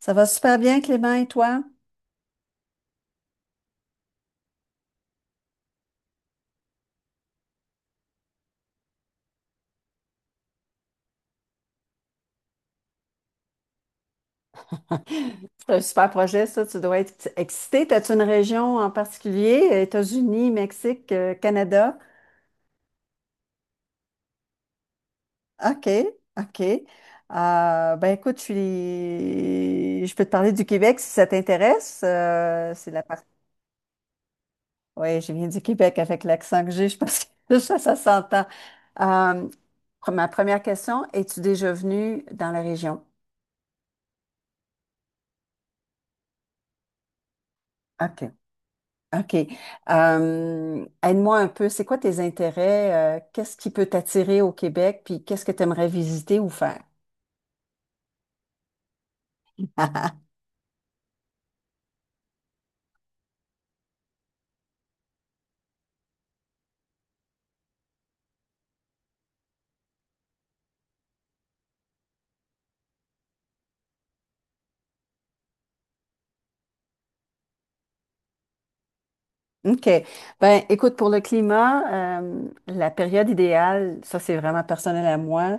Ça va super bien, Clément, et toi? C'est un super projet, ça. Tu dois être excité. T'as-tu une région en particulier? États-Unis, Mexique, Canada? OK, OK. Ben écoute, je peux te parler du Québec si ça t'intéresse. C'est la partie. Oui, je viens du Québec avec l'accent que j'ai, je pense que ça s'entend. Euh, Ma première question, es-tu déjà venu dans la région? OK. OK. Aide-moi un peu, c'est quoi tes intérêts? Qu'est-ce qui peut t'attirer au Québec? Puis qu'est-ce que tu aimerais visiter ou faire? OK. Ben, écoute, pour le climat, la période idéale, ça c'est vraiment personnel à moi,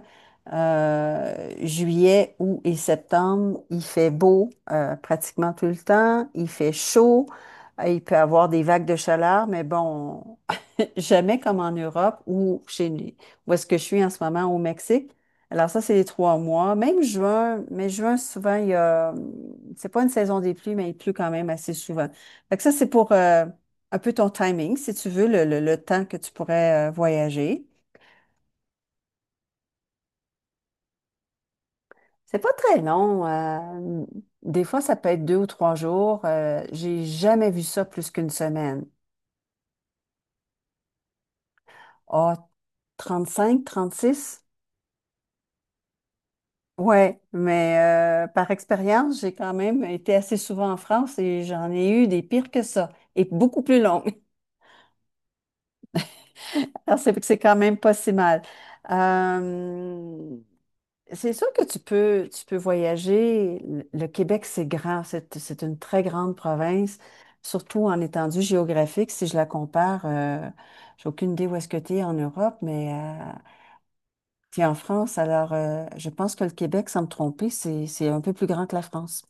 juillet, août et septembre, il fait beau pratiquement tout le temps, il fait chaud, il peut avoir des vagues de chaleur, mais bon, jamais comme en Europe ou chez où est-ce que je suis en ce moment au Mexique. Alors ça, c'est les 3 mois. Même juin, mais juin, souvent, il y a, c'est pas une saison des pluies, mais il pleut quand même assez souvent. Fait que ça, c'est pour un peu ton timing, si tu veux, le temps que tu pourrais voyager. C'est pas très long. Des fois, ça peut être 2 ou 3 jours. J'ai jamais vu ça plus qu'une semaine. Ah, 36. Ouais, mais par expérience, j'ai quand même été assez souvent en France et j'en ai eu des pires que ça, et beaucoup plus longues. Alors, c'est quand même pas si mal. Euh, c'est sûr que tu peux voyager. Le Québec, c'est grand, c'est une très grande province, surtout en étendue géographique. Si je la compare, j'ai aucune idée où est-ce que tu es en Europe, mais puis en France, alors, je pense que le Québec, sans me tromper, c'est un peu plus grand que la France.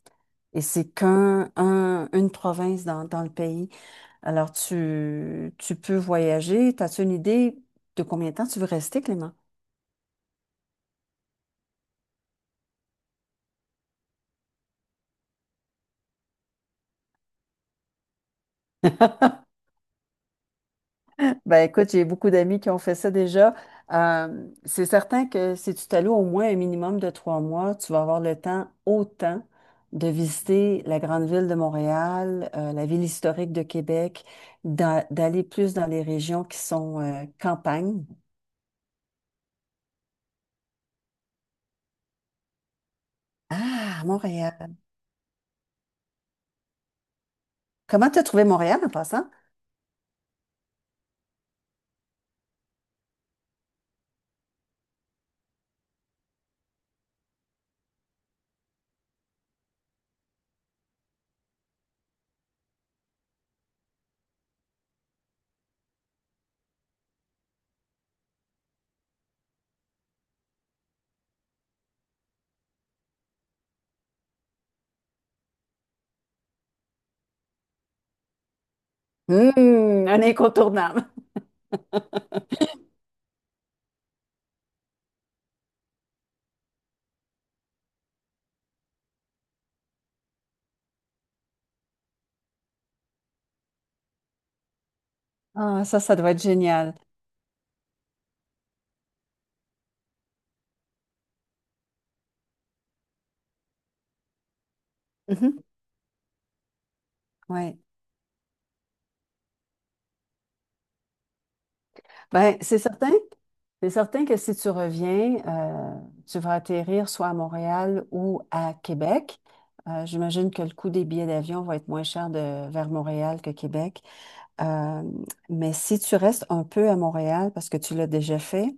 Et c'est qu'un, un- une province dans le pays. Alors, tu peux voyager. T'as-tu une idée de combien de temps tu veux rester, Clément? Ben écoute, j'ai beaucoup d'amis qui ont fait ça déjà. C'est certain que si tu t'alloues au moins un minimum de 3 mois, tu vas avoir le temps, autant, de visiter la grande ville de Montréal, la ville historique de Québec, d'aller plus dans les régions qui sont campagne. Ah, Montréal. Comment t'as trouvé Montréal en passant? Un incontournable. Ah, ça doit être génial. Oui. Ben, c'est certain. C'est certain que si tu reviens, tu vas atterrir soit à Montréal ou à Québec. J'imagine que le coût des billets d'avion va être moins cher de, vers Montréal que Québec. Euh, mais si tu restes un peu à Montréal, parce que tu l'as déjà fait,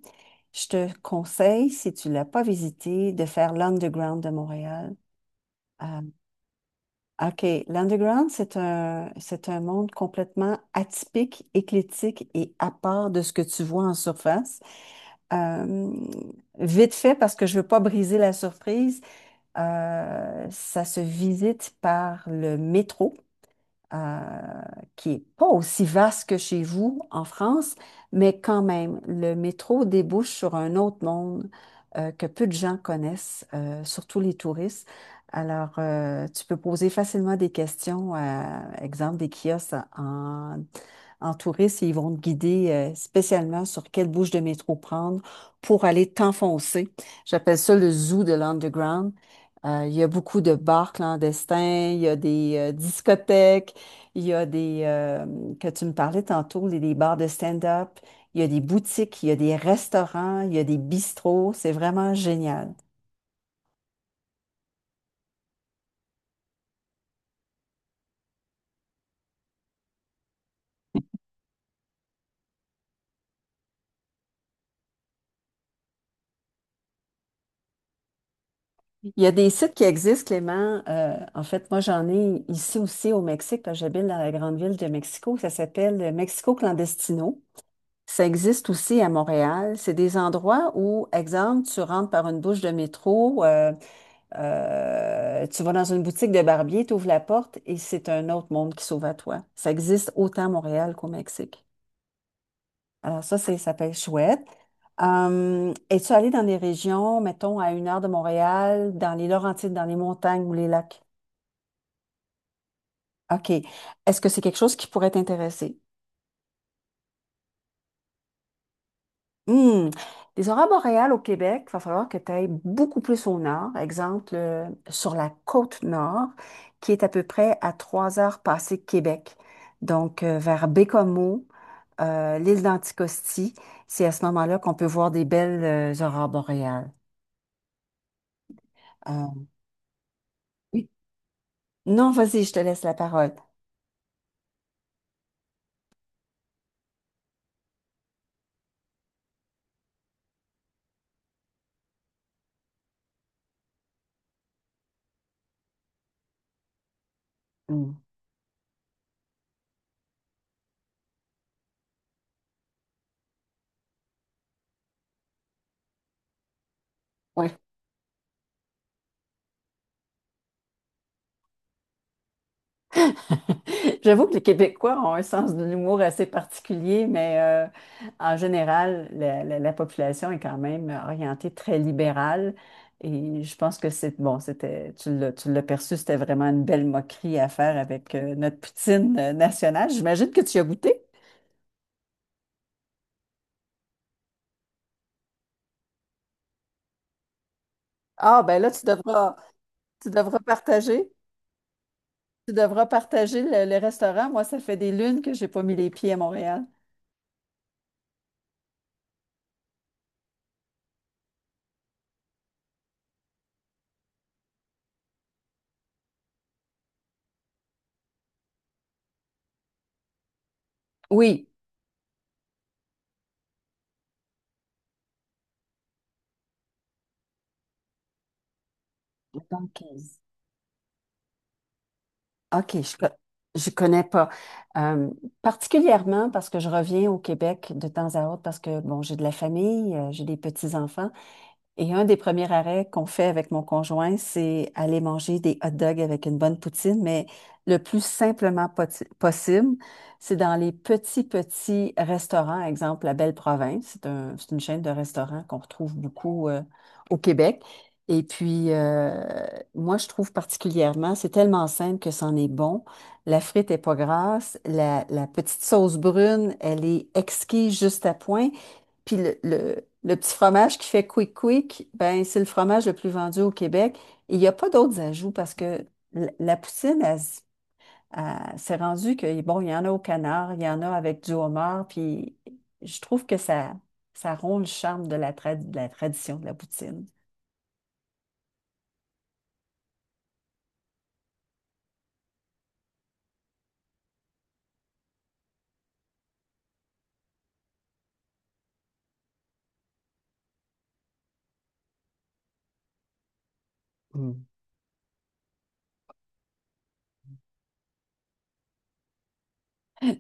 je te conseille, si tu ne l'as pas visité, de faire l'Underground de Montréal. Euh, OK. L'underground, c'est un monde complètement atypique, éclectique et à part de ce que tu vois en surface. Euh, Vite fait, parce que je veux pas briser la surprise, ça se visite par le métro euh, qui est pas aussi vaste que chez vous en France, mais quand même, le métro débouche sur un autre monde que peu de gens connaissent, surtout les touristes. Alors, tu peux poser facilement des questions à, exemple, des kiosques en touristes et ils vont te guider spécialement sur quelle bouche de métro prendre pour aller t'enfoncer. J'appelle ça le zoo de l'underground. Il y a beaucoup de bars clandestins, il y a des discothèques, il y a des, que tu me parlais tantôt, des bars de stand-up, il y a des boutiques, il y a des restaurants, il y a des bistrots, c'est vraiment génial. Il y a des sites qui existent, Clément. En fait, moi, j'en ai ici aussi au Mexique, parce que j'habite dans la grande ville de Mexico. Ça s'appelle Mexico Clandestino. Ça existe aussi à Montréal. C'est des endroits où, exemple, tu rentres par une bouche de métro. Tu vas dans une boutique de barbier, tu ouvres la porte et c'est un autre monde qui s'ouvre à toi. Ça existe autant à Montréal qu'au Mexique. Alors ça, ça peut être chouette. Es-tu allé dans des régions, mettons, à 1 heure de Montréal, dans les Laurentides, dans les montagnes ou les lacs? OK. Est-ce que c'est quelque chose qui pourrait t'intéresser? Hmm. Les aurores boréales au Québec, il va falloir que tu ailles beaucoup plus au nord. Exemple, sur la côte nord, qui est à peu près à 3 heures passées de Québec. Donc, vers Baie-Comeau, l'île d'Anticosti, c'est à ce moment-là qu'on peut voir des belles aurores boréales. Euh, Non, vas-y, je te laisse la parole. Mm. Ouais, j'avoue que les Québécois ont un sens de l'humour assez particulier, mais en général, la population est quand même orientée très libérale. Et je pense que c'est bon, c'était, tu l'as perçu, c'était vraiment une belle moquerie à faire avec notre poutine nationale. J'imagine que tu y as goûté. Ah, ben là, tu devras partager. Tu devras partager le restaurant. Moi, ça fait des lunes que j'ai pas mis les pieds à Montréal. Oui. Donc, OK, je connais pas. Euh, Particulièrement parce que je reviens au Québec de temps à autre parce que, bon, j'ai de la famille, j'ai des petits-enfants. Et un des premiers arrêts qu'on fait avec mon conjoint, c'est aller manger des hot dogs avec une bonne poutine, mais le plus simplement possible, c'est dans les petits, petits restaurants, exemple la Belle Province, c'est c'est une chaîne de restaurants qu'on retrouve beaucoup au Québec. Et puis, moi, je trouve particulièrement, c'est tellement simple que c'en est bon. La frite est pas grasse, la petite sauce brune, elle est exquise juste à point. Puis le petit fromage qui fait quick quick, ben c'est le fromage le plus vendu au Québec. Et il n'y a pas d'autres ajouts parce que la poutine, elle s'est rendue que, bon, il y en a au canard, il y en a avec du homard, puis je trouve que ça rompt le charme de de la tradition de la poutine. Mm.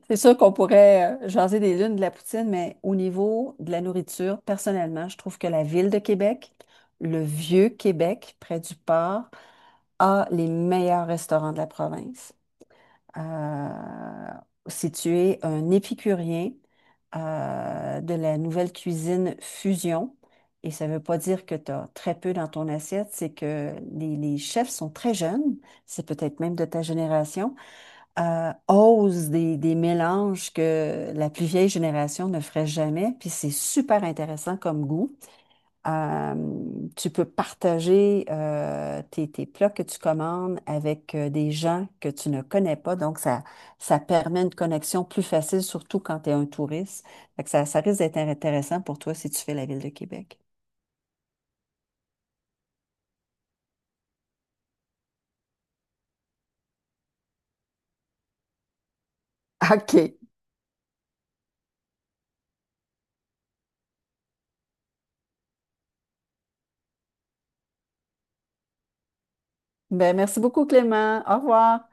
C'est sûr qu'on pourrait jaser des lunes de la poutine, mais au niveau de la nourriture, personnellement, je trouve que la ville de Québec, le vieux Québec, près du port, a les meilleurs restaurants de la province. Euh, Si tu es un épicurien de la nouvelle cuisine fusion, et ça ne veut pas dire que tu as très peu dans ton assiette, c'est que les chefs sont très jeunes, c'est peut-être même de ta génération, osent des mélanges que la plus vieille génération ne ferait jamais, puis c'est super intéressant comme goût. Euh, Tu peux partager tes plats que tu commandes avec des gens que tu ne connais pas. Donc, ça permet une connexion plus facile, surtout quand tu es un touriste. Fait que ça risque d'être intéressant pour toi si tu fais la ville de Québec. OK. Ben, merci beaucoup, Clément. Au revoir.